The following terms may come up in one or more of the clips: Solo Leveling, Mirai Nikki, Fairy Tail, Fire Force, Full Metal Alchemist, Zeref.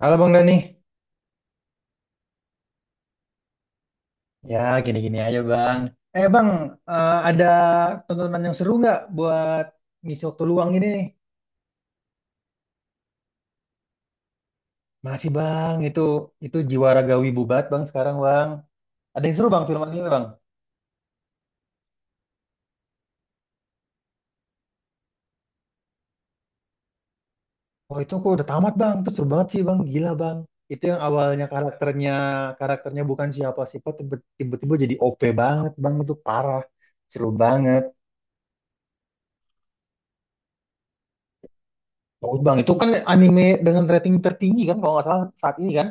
Halo Bang Dani. Ya, gini-gini aja Bang. Eh Bang, ada tontonan yang seru nggak buat ngisi waktu luang ini nih? Masih Bang, itu jiwa ragawi bubat Bang sekarang Bang. Ada yang seru Bang film anime Bang? Oh, itu aku udah tamat Bang, itu seru banget sih Bang, gila Bang. Itu yang awalnya karakternya karakternya bukan siapa-siapa, tiba-tiba jadi OP banget Bang, itu parah. Seru banget. Bagus Bang, itu kan anime dengan rating tertinggi kan kalau nggak salah saat ini kan?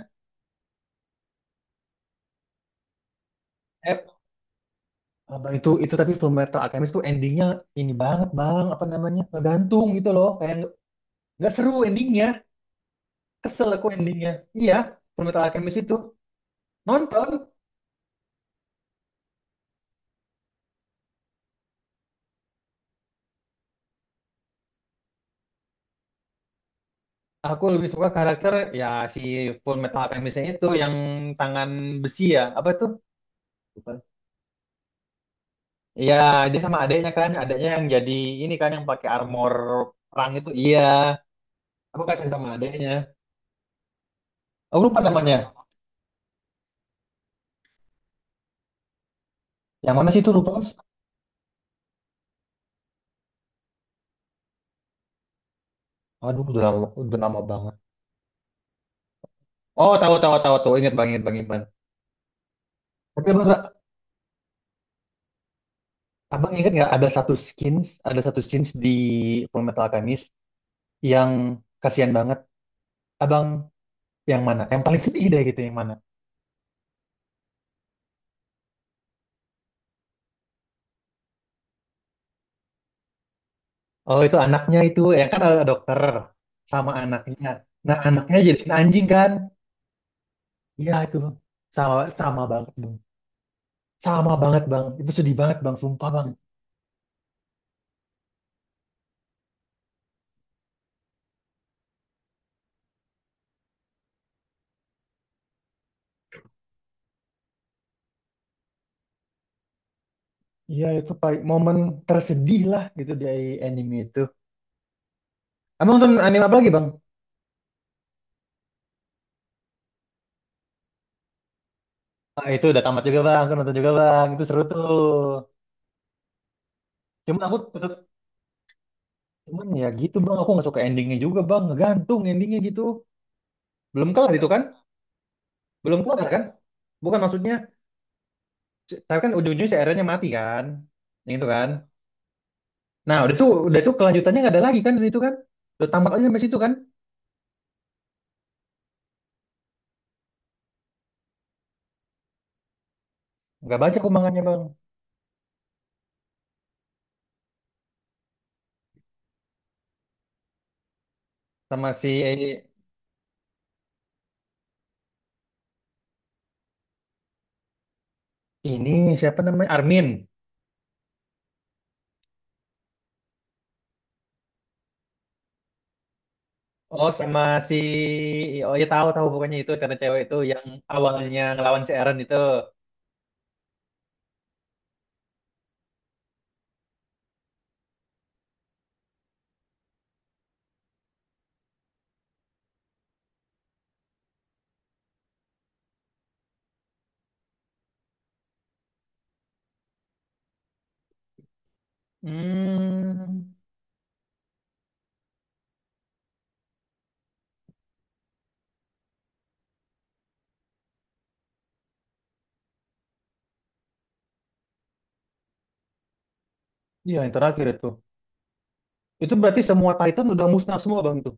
Abang itu tapi Full Metal Alchemist tuh endingnya ini banget bang, apa namanya, ngegantung gitu loh, kayak nggak seru endingnya, kesel aku endingnya. Iya, Full Metal Alchemist itu. Nonton. Aku lebih suka karakter, ya, si Full Metal Alchemistnya itu yang tangan besi, ya, apa tuh, lupa. Iya, dia sama adeknya kan, adeknya yang jadi ini kan, yang pakai armor perang itu, iya. Aku kasih sama adeknya, aku lupa namanya. Yang mana sih itu, lupa Mas. Aduh, udah lama banget. Oh, tahu tahu tahu tahu. Ingat bang, ingat bang. Tapi abang, abang ingat nggak, ada satu skins, ada satu skins di Full Metal Alchemist yang kasihan banget. Abang, yang mana? Yang paling sedih deh gitu, yang mana? Oh, itu anaknya itu, yang kan ada dokter sama anaknya. Nah, anaknya jadi anjing kan? Iya, itu Bang. Sama sama banget bang, sama banget bang. Itu sedih banget bang, sumpah bang. Iya, itu paling momen tersedih lah gitu dari anime itu. Abang nonton anime apa lagi bang? Ah, itu udah tamat juga bang, aku nonton juga bang. Itu seru tuh. Cuman aku Cuman ya gitu bang, aku nggak suka endingnya juga bang, ngegantung endingnya gitu. Belum kelar itu kan? Belum kelar kan? Bukan maksudnya, tapi kan ujung-ujungnya si Aaron-nya mati kan? Yang itu kan? Nah, udah tuh, udah tuh, kelanjutannya nggak ada lagi kan dari itu kan? Udah tamat aja sampai situ kan? Nggak baca aku manganya bang. Sama si ini, siapa namanya? Armin. Oh sama si, oh ya, tahu tahu, pokoknya itu karena cewek itu yang awalnya ngelawan si Aaron itu. Hmm, iya, yang terakhir itu. Itu berarti semua Titan udah musnah semua bang itu.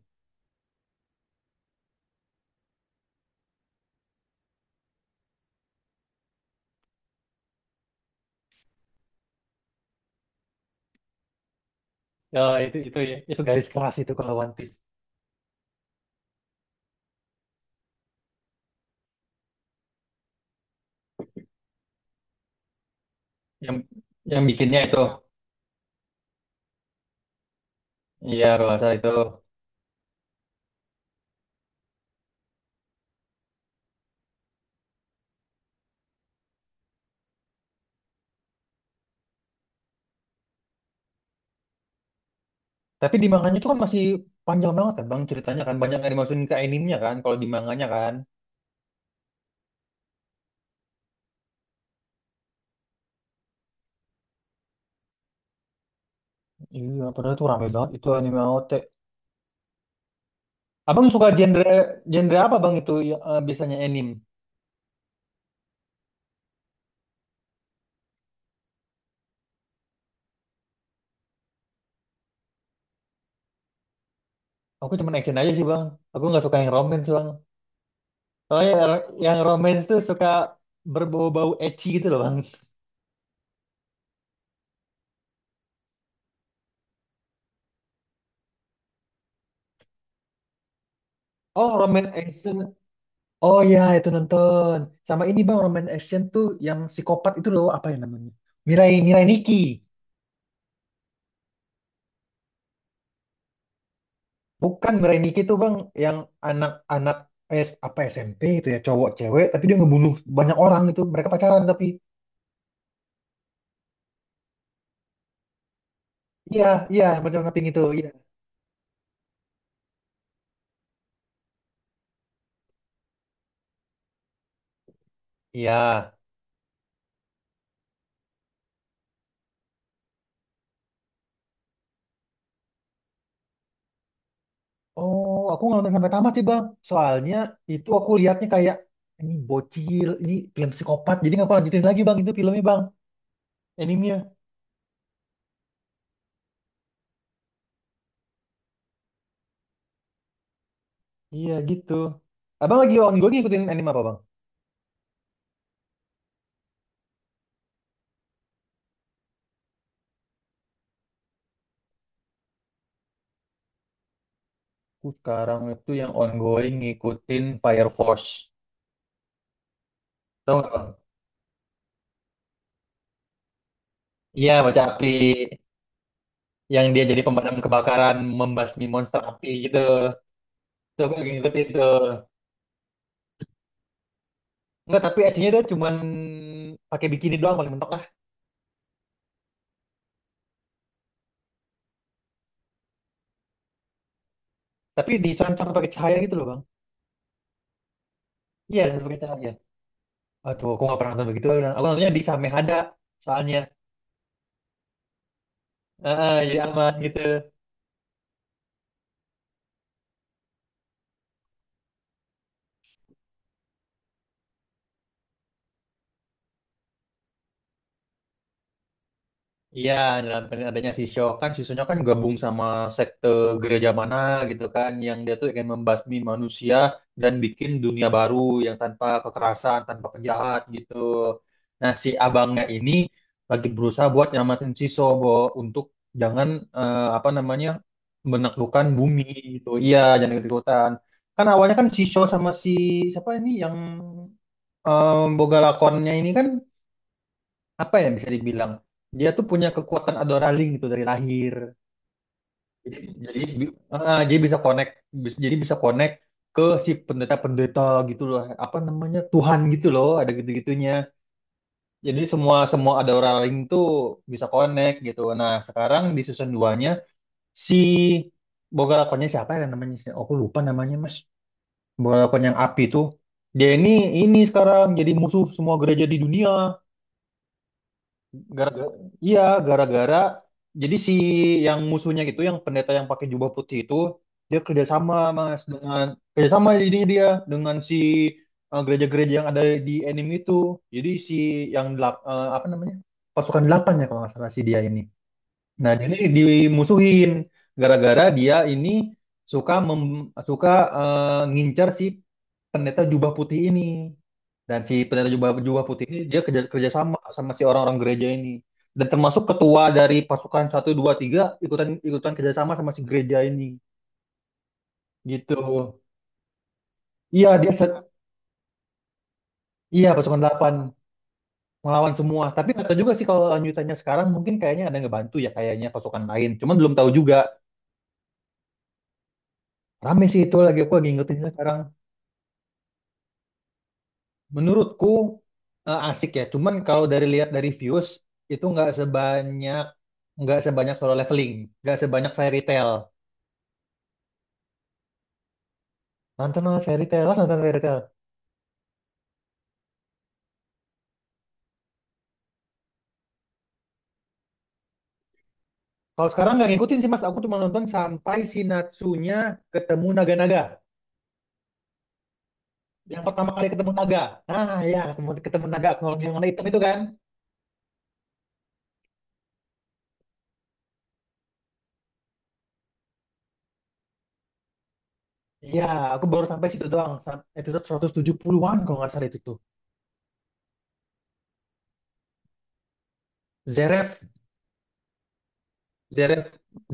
Ya, itu itu garis keras itu kalau One Piece. Yang yang bikinnya itu. Iya, kalau nggak salah itu. Tapi di manganya itu kan masih panjang banget kan, Bang, ceritanya kan banyak yang dimasukin ke animenya kan, kalau di manganya kan. Iya, padahal itu rame banget itu anime OT. Abang suka genre genre apa, Bang, itu ya, biasanya anime? Aku cuma action aja sih, Bang. Aku nggak suka yang romance, Bang. Soalnya yang romance tuh suka berbau-bau ecchi gitu loh, Bang. Oh, romance action. Oh ya, itu nonton. Sama ini bang, romance action tuh yang psikopat itu loh, apa ya namanya? Mirai Mirai Nikki. Bukan Mirai Nikki tuh bang, yang anak-anak S apa SMP itu ya, cowok cewek, tapi dia ngebunuh banyak orang itu. Mereka pacaran tapi. Iya, iya, pacaran ngaping itu. Iya. Iya. Oh, aku nggak nonton sampai tamat sih bang. Soalnya itu aku lihatnya kayak ini bocil, ini film psikopat. Jadi nggak aku lanjutin lagi bang, itu filmnya bang, animenya. Iya gitu. Abang lagi ongoing ngikutin anime apa bang? Aku sekarang itu yang ongoing ngikutin Fire Force. Tahu nggak, Bang? Iya, baca api. Yang dia jadi pemadam kebakaran, membasmi monster api gitu. Itu aku lagi ngikutin tuh. Enggak, tapi aksinya dia cuman pakai bikini doang paling mentok lah. Tapi diserancar pakai cahaya gitu loh, Bang. Iya, diserancar pakai cahaya. Aduh, aku nggak pernah nonton begitu. Aku nontonnya di Samehada soalnya. Heeh, jadi aman gitu. Iya, dalam adanya si Sho kan gabung sama sekte gereja mana gitu kan, yang dia tuh ingin membasmi manusia dan bikin dunia baru yang tanpa kekerasan, tanpa penjahat gitu. Nah, si abangnya ini lagi berusaha buat nyamatin si Sho Bo, untuk jangan, apa namanya, menaklukkan bumi gitu. Iya, jangan ikut-ikutan. Kan awalnya kan si Sho sama si, siapa ini yang, boga lakonnya ini kan, apa ya, bisa dibilang dia tuh punya kekuatan adoralling gitu dari lahir. Jadi, jadi bisa connect, bis- jadi bisa connect ke si pendeta-pendeta gitu loh, apa namanya, Tuhan gitu loh, ada gitu-gitunya. Jadi semua semua adoralling tuh bisa connect gitu. Nah, sekarang di season duanya, si boga lakonnya siapa ya namanya, oh, aku lupa namanya mas, boga lakon yang api tuh, dia ini sekarang jadi musuh semua gereja di dunia. Gara-gara, iya, gara-gara jadi si yang musuhnya gitu, yang pendeta yang pakai jubah putih itu, dia kerjasama mas dengan, kerjasama jadinya dia dengan si, gereja-gereja yang ada di anime itu. Jadi si yang apa namanya, pasukan delapan ya kalau nggak salah si dia ini. Nah, jadi dimusuhin gara-gara dia ini suka mem, suka ngincar si pendeta jubah putih ini, dan si pendeta jubah jubah putih ini dia kerjasama sama si orang-orang gereja ini, dan termasuk ketua dari pasukan Satu 2 3 ikutan ikutan kerjasama sama si gereja ini gitu. Iya, iya, pasukan 8 melawan semua. Tapi nggak tahu juga sih kalau lanjutannya sekarang, mungkin kayaknya ada yang ngebantu ya kayaknya, pasukan lain cuman belum tahu juga. Rame sih itu, lagi aku lagi ngikutin sekarang. Menurutku, asik ya. Cuman kalau dari lihat dari views itu nggak sebanyak, nggak sebanyak Solo Leveling, nggak sebanyak Fairy Tail. Nonton lah Fairy Tail, Mas, nonton Fairy Tail. Kalau sekarang nggak ngikutin sih Mas, aku cuma nonton sampai si Natsunya ketemu naga-naga. Yang pertama kali ketemu naga. Nah, ya ketemu, ketemu naga aku ngomong, yang warna hitam itu kan. Ya, aku baru sampai situ doang. Episode 170-an kalau nggak salah itu tuh. Zeref, Zeref,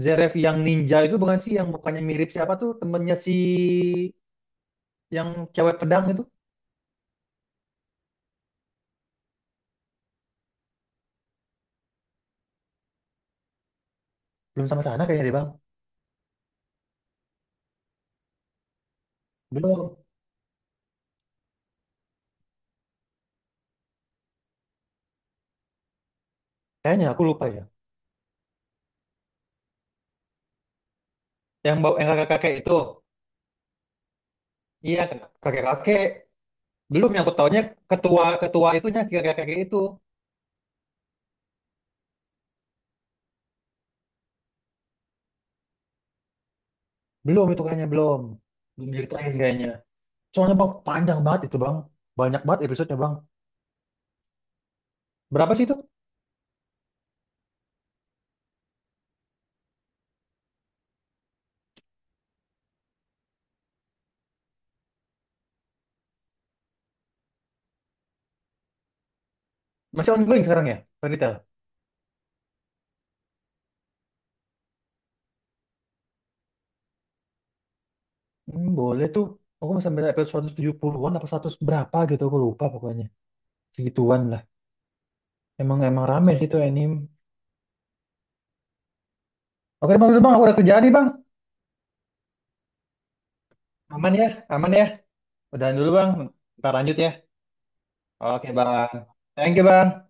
Zeref yang ninja itu bukan sih, yang mukanya mirip siapa tuh temennya si, yang cewek pedang itu. Belum sama sana kayaknya deh bang. Belum, kayaknya aku lupa ya, yang bawa yang kakek kakek itu. Iya, kakek kakek, belum. Yang aku tahunya ketua ketua itunya kakek kakek itu. Belum itu kayaknya, belum, belum diceritain kayaknya soalnya bang panjang banget itu bang, banyak banget episodenya bang. Berapa sih itu? Masih ongoing sekarang ya, Fairytale. Hmm, boleh tuh, aku masih sampai episode 170-an apa 100 berapa gitu aku lupa pokoknya, segituan lah. Emang emang rame sih itu anime. Oke bang, itu bang, aku udah kerjaan nih bang. Aman ya, aman ya. Udahan dulu bang, ntar lanjut ya. Oke bang, thank you bang.